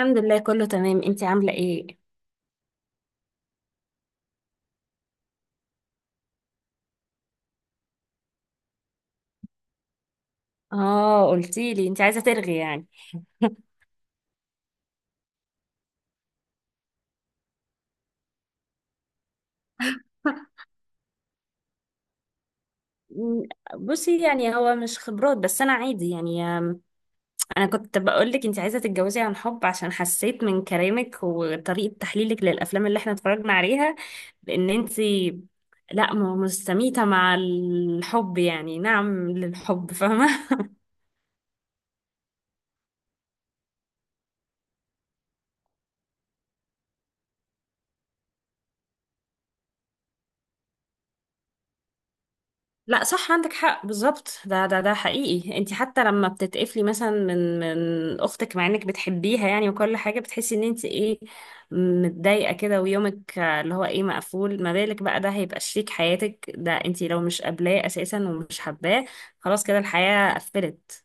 الحمد لله، كله تمام. انتي عاملة ايه؟ اه، قلتيلي انتي عايزة ترغي يعني. م، بصي، يعني هو مش خبرات، بس انا عادي يعني. انا كنت بقولك انتي عايزة تتجوزي عن حب، عشان حسيت من كلامك وطريقة تحليلك للافلام اللي احنا اتفرجنا عليها، بان انتي لا مستميتة مع الحب، يعني نعم للحب. فاهمة؟ لا صح، عندك حق بالظبط. ده حقيقي، انت حتى لما بتتقفلي مثلا من اختك مع انك بتحبيها، يعني، وكل حاجه بتحسي ان انت ايه، متضايقه كده، ويومك اللي هو ايه، مقفول. ما بالك بقى ده هيبقى شريك حياتك، ده انت لو مش قابلاه اساسا ومش حباه، خلاص كده الحياه قفلت.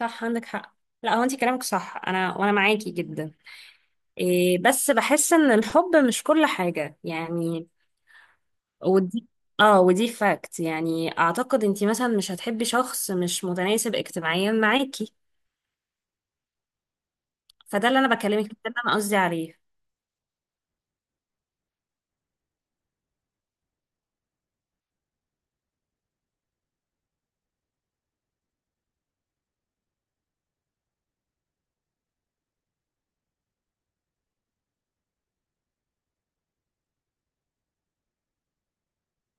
صح، عندك حق. لا هو انت كلامك صح، انا معاكي جدا. إيه، بس بحس ان الحب مش كل حاجه يعني. ودي اه ودي فاكت، يعني اعتقد انتي مثلا مش هتحبي شخص مش متناسب اجتماعيا معاكي، فده اللي انا بكلمك، ده اللي انا قصدي عليه.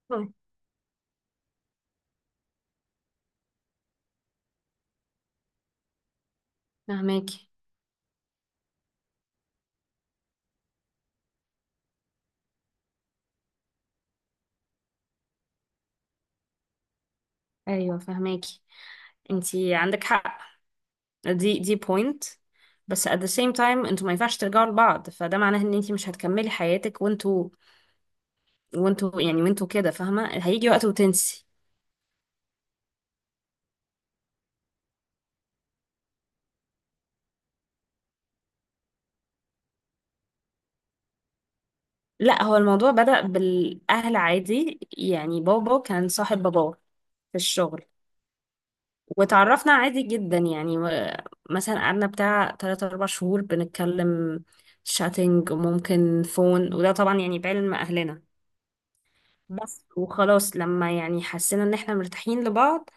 مم. فهماكي؟ ايوه، فهماكي. انتي عندك حق، دي بوينت. بس at the same time، انتوا ما ينفعش ترجعوا لبعض، فده معناه ان انتي مش هتكملي حياتك، وانتوا كده فاهمه. هيجي وقت وتنسي. لا هو الموضوع بدأ بالاهل عادي، يعني بابا كان صاحب باباه في الشغل، وتعرفنا عادي جدا يعني. مثلا قعدنا بتاع تلات أربع شهور بنتكلم شاتنج، وممكن فون، وده طبعا يعني بعلم أهلنا. بس وخلاص لما يعني حسينا ان احنا مرتاحين لبعض،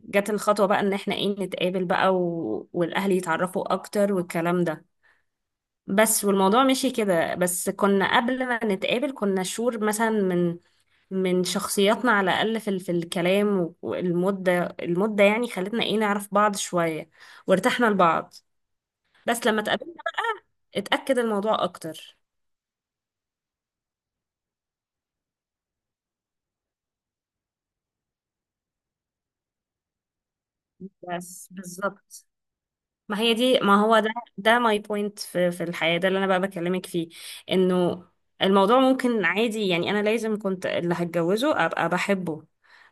جت الخطوة بقى ان احنا ايه، نتقابل بقى والأهل يتعرفوا أكتر، والكلام ده. بس والموضوع مشي كده، بس كنا قبل ما نتقابل كنا شور مثلا، من شخصياتنا، على الأقل في الكلام، والمدة، المدة يعني خلتنا ايه، نعرف بعض شوية وارتحنا لبعض. بس لما اتقابلنا اتأكد الموضوع أكتر. بس بالظبط، ما هي دي، ما هو ده، ده ماي بوينت في الحياة، ده اللي أنا بقى بكلمك فيه، إنه الموضوع ممكن عادي يعني. أنا لازم كنت اللي هتجوزه أبقى بحبه،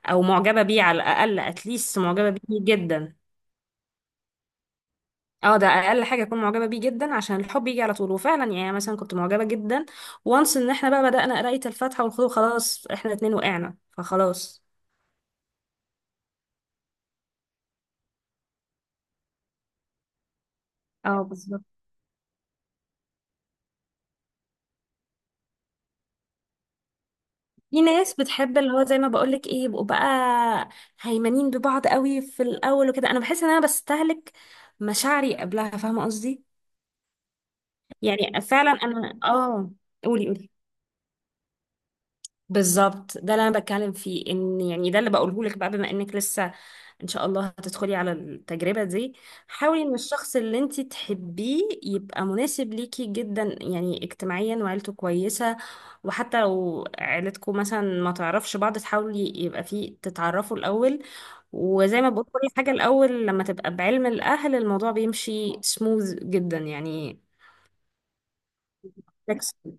أو معجبة بيه على الأقل، أتليست معجبة بيه جدا. اه، ده اقل حاجه اكون معجبه بيه جدا، عشان الحب يجي على طول. وفعلا يعني مثلا كنت معجبه جدا، وانس ان احنا بقى بدانا قرايه الفاتحه والخضوع، خلاص احنا الاتنين وقعنا، فخلاص. اه بالظبط. في ناس بتحب، اللي هو زي ما بقولك ايه، يبقوا بقى هيمنين ببعض قوي في الاول وكده. انا بحس ان انا بستهلك مشاعري قبلها، فاهمه قصدي؟ يعني فعلا انا قولي قولي. بالظبط ده اللي انا بتكلم فيه، ان يعني ده اللي بقوله لك بقى، بما انك لسه ان شاء الله هتدخلي على التجربة دي، حاولي ان الشخص اللي انت تحبيه يبقى مناسب ليكي جدا، يعني اجتماعيا وعيلته كويسة. وحتى لو عيلتكم مثلا ما تعرفش بعض، تحاولي يبقى فيه تتعرفوا الاول. وزي ما بقول، كل حاجة الاول لما تبقى بعلم الاهل، الموضوع بيمشي سموز جدا يعني، flexible.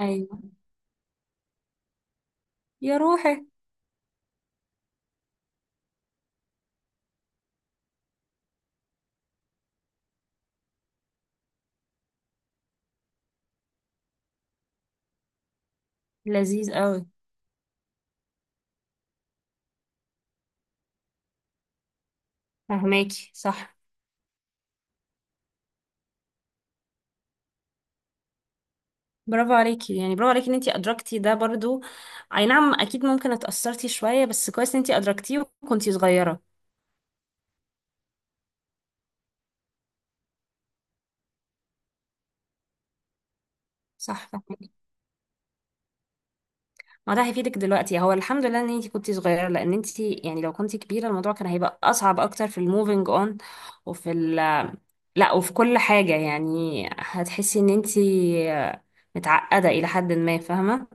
ايوه. يا روحي. لذيذ قوي. فهماكي صح. برافو عليكي، يعني برافو عليكي ان انتي ادركتي ده برضو. اي نعم اكيد، ممكن اتأثرتي شوية، بس كويس ان انتي ادركتيه وكنتي صغيرة. صح، فاهمك. ما ده هيفيدك دلوقتي، هو الحمد لله ان انتي كنتي صغيرة، لان انتي يعني لو كنتي كبيرة الموضوع كان هيبقى اصعب اكتر في الموفينج اون وفي ال لا، وفي كل حاجة، يعني هتحسي ان انتي متعقدة الى حد ما، فاهمة؟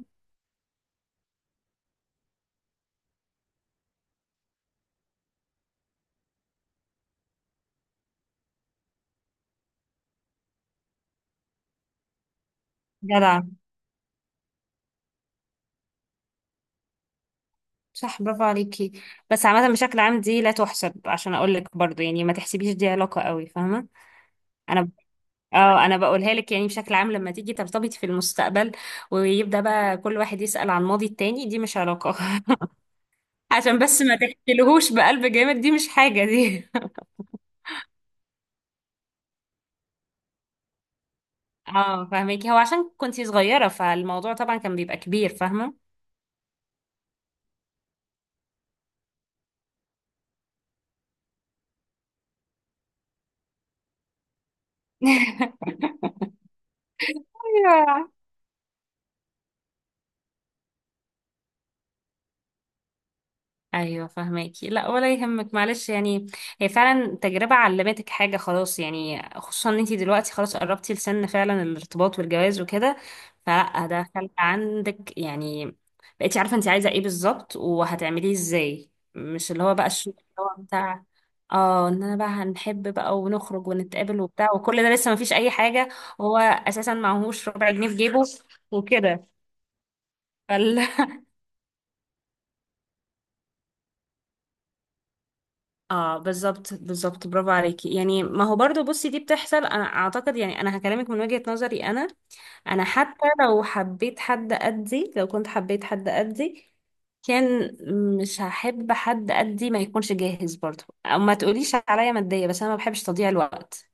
جدع. صح، برافو عليكي. بس عامة، بشكل عام دي لا تحسب، عشان اقولك برضو، يعني ما تحسبيش دي علاقة قوي، فاهمة؟ انا اه انا بقولها لك يعني، بشكل عام لما تيجي ترتبطي في المستقبل، ويبدأ بقى كل واحد يسأل عن ماضي التاني، دي مش علاقة. عشان بس ما تحكيلهوش بقلب جامد، دي مش حاجة دي. اه فاهمك، هو عشان كنتي صغيرة فالموضوع طبعا كان بيبقى كبير، فاهمة. ايوه فهماكي، لا ولا يهمك، معلش يعني. هي فعلا تجربه علمتك حاجه، خلاص يعني. خصوصا ان انتي دلوقتي خلاص قربتي لسن فعلا الارتباط والجواز وكده. فلا، ده خلق عندك يعني. بقيتي عارفه انتي عايزه ايه بالظبط وهتعمليه ازاي، مش اللي هو بقى الشغل اللي هو بتاع اه ان انا بقى هنحب بقى ونخرج ونتقابل وبتاع، وكل ده لسه مفيش اي حاجه. وهو اساسا معهوش ربع جنيه في جيبه وكده. اه بالظبط بالظبط، برافو عليكي. يعني ما هو برضو، بصي، دي بتحصل، انا اعتقد يعني، انا هكلمك من وجهة نظري انا. انا حتى لو حبيت حد قدي، لو كنت حبيت حد قدي كان، مش هحب حد قدي ما يكونش جاهز برضو، او ما تقوليش عليا مادية، بس انا ما بحبش تضييع الوقت.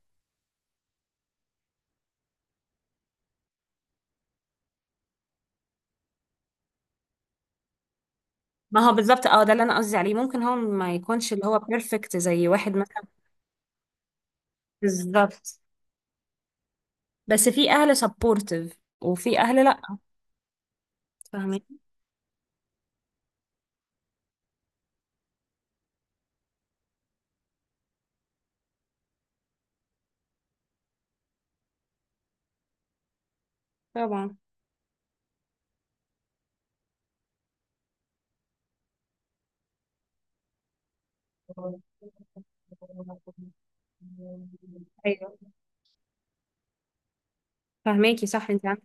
ما هو بالظبط ده اللي انا قصدي عليه، ممكن هو ما يكونش اللي هو بيرفكت زي واحد مثلا. بالظبط. بس في اهل سبورتيف، وفي اهل لا. فاهمين. طبعا. ايوه فهماكي صح،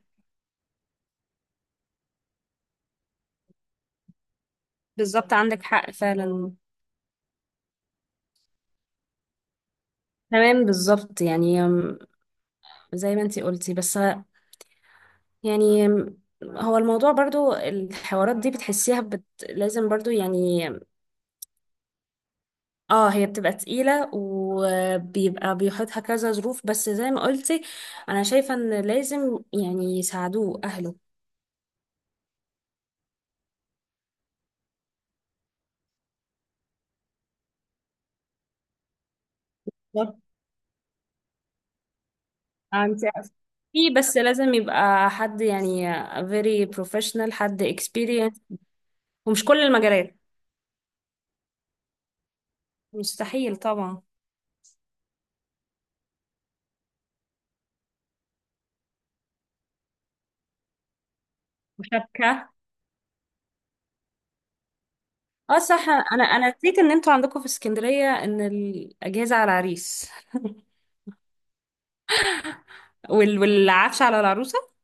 بالظبط عندك حق فعلا. تمام بالظبط يعني، زي ما انت قلتي، بس يعني هو الموضوع برضو الحوارات دي بتحسيها لازم برضو يعني. اه هي بتبقى تقيلة، وبيبقى بيحطها كذا ظروف، بس زي ما قلتي انا شايفة ان لازم يعني يساعدوه اهله. انت، في بس لازم يبقى حد يعني very professional، حد experienced. ومش كل المجالات. مستحيل طبعا. وشبكة. اه صح، انا نسيت ان انتوا عندكم في اسكندرية ان الاجهزة على العريس. والعفش على العروسة.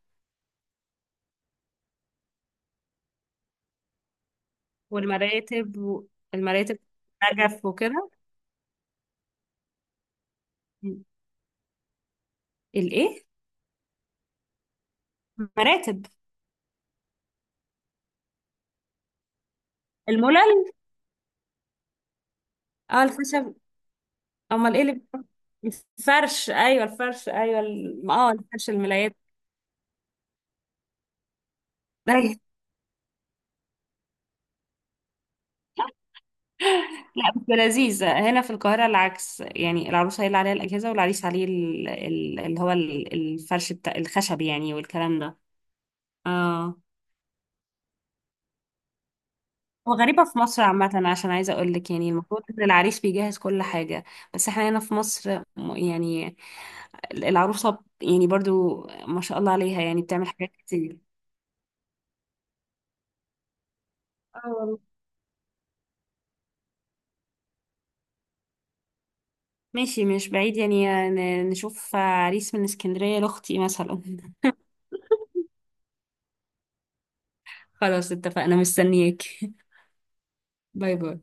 والمراتب المراتب، نجف وكده. الايه؟ مراتب. الملل. اه الخشب. امال ايه اللي بيبقى؟ الفرش، ايوه، الفرش، ايوه، الفرش الملايات. لا بس لذيذ، هنا في القاهرة العكس يعني، العروسة هي اللي عليها الأجهزة، والعريس عليه اللي هو الفرش بتاع الخشب يعني، والكلام ده. اه. وغريبة في مصر عامة، عشان عايزة أقول لك يعني المفروض إن العريس بيجهز كل حاجة. بس إحنا هنا في مصر يعني العروسة يعني برضو ما شاء الله عليها يعني بتعمل حاجات كتير. اه والله. ماشي، مش بعيد يعني نشوف عريس من اسكندرية لأختي مثلا. خلاص اتفقنا، مستنياك. باي باي.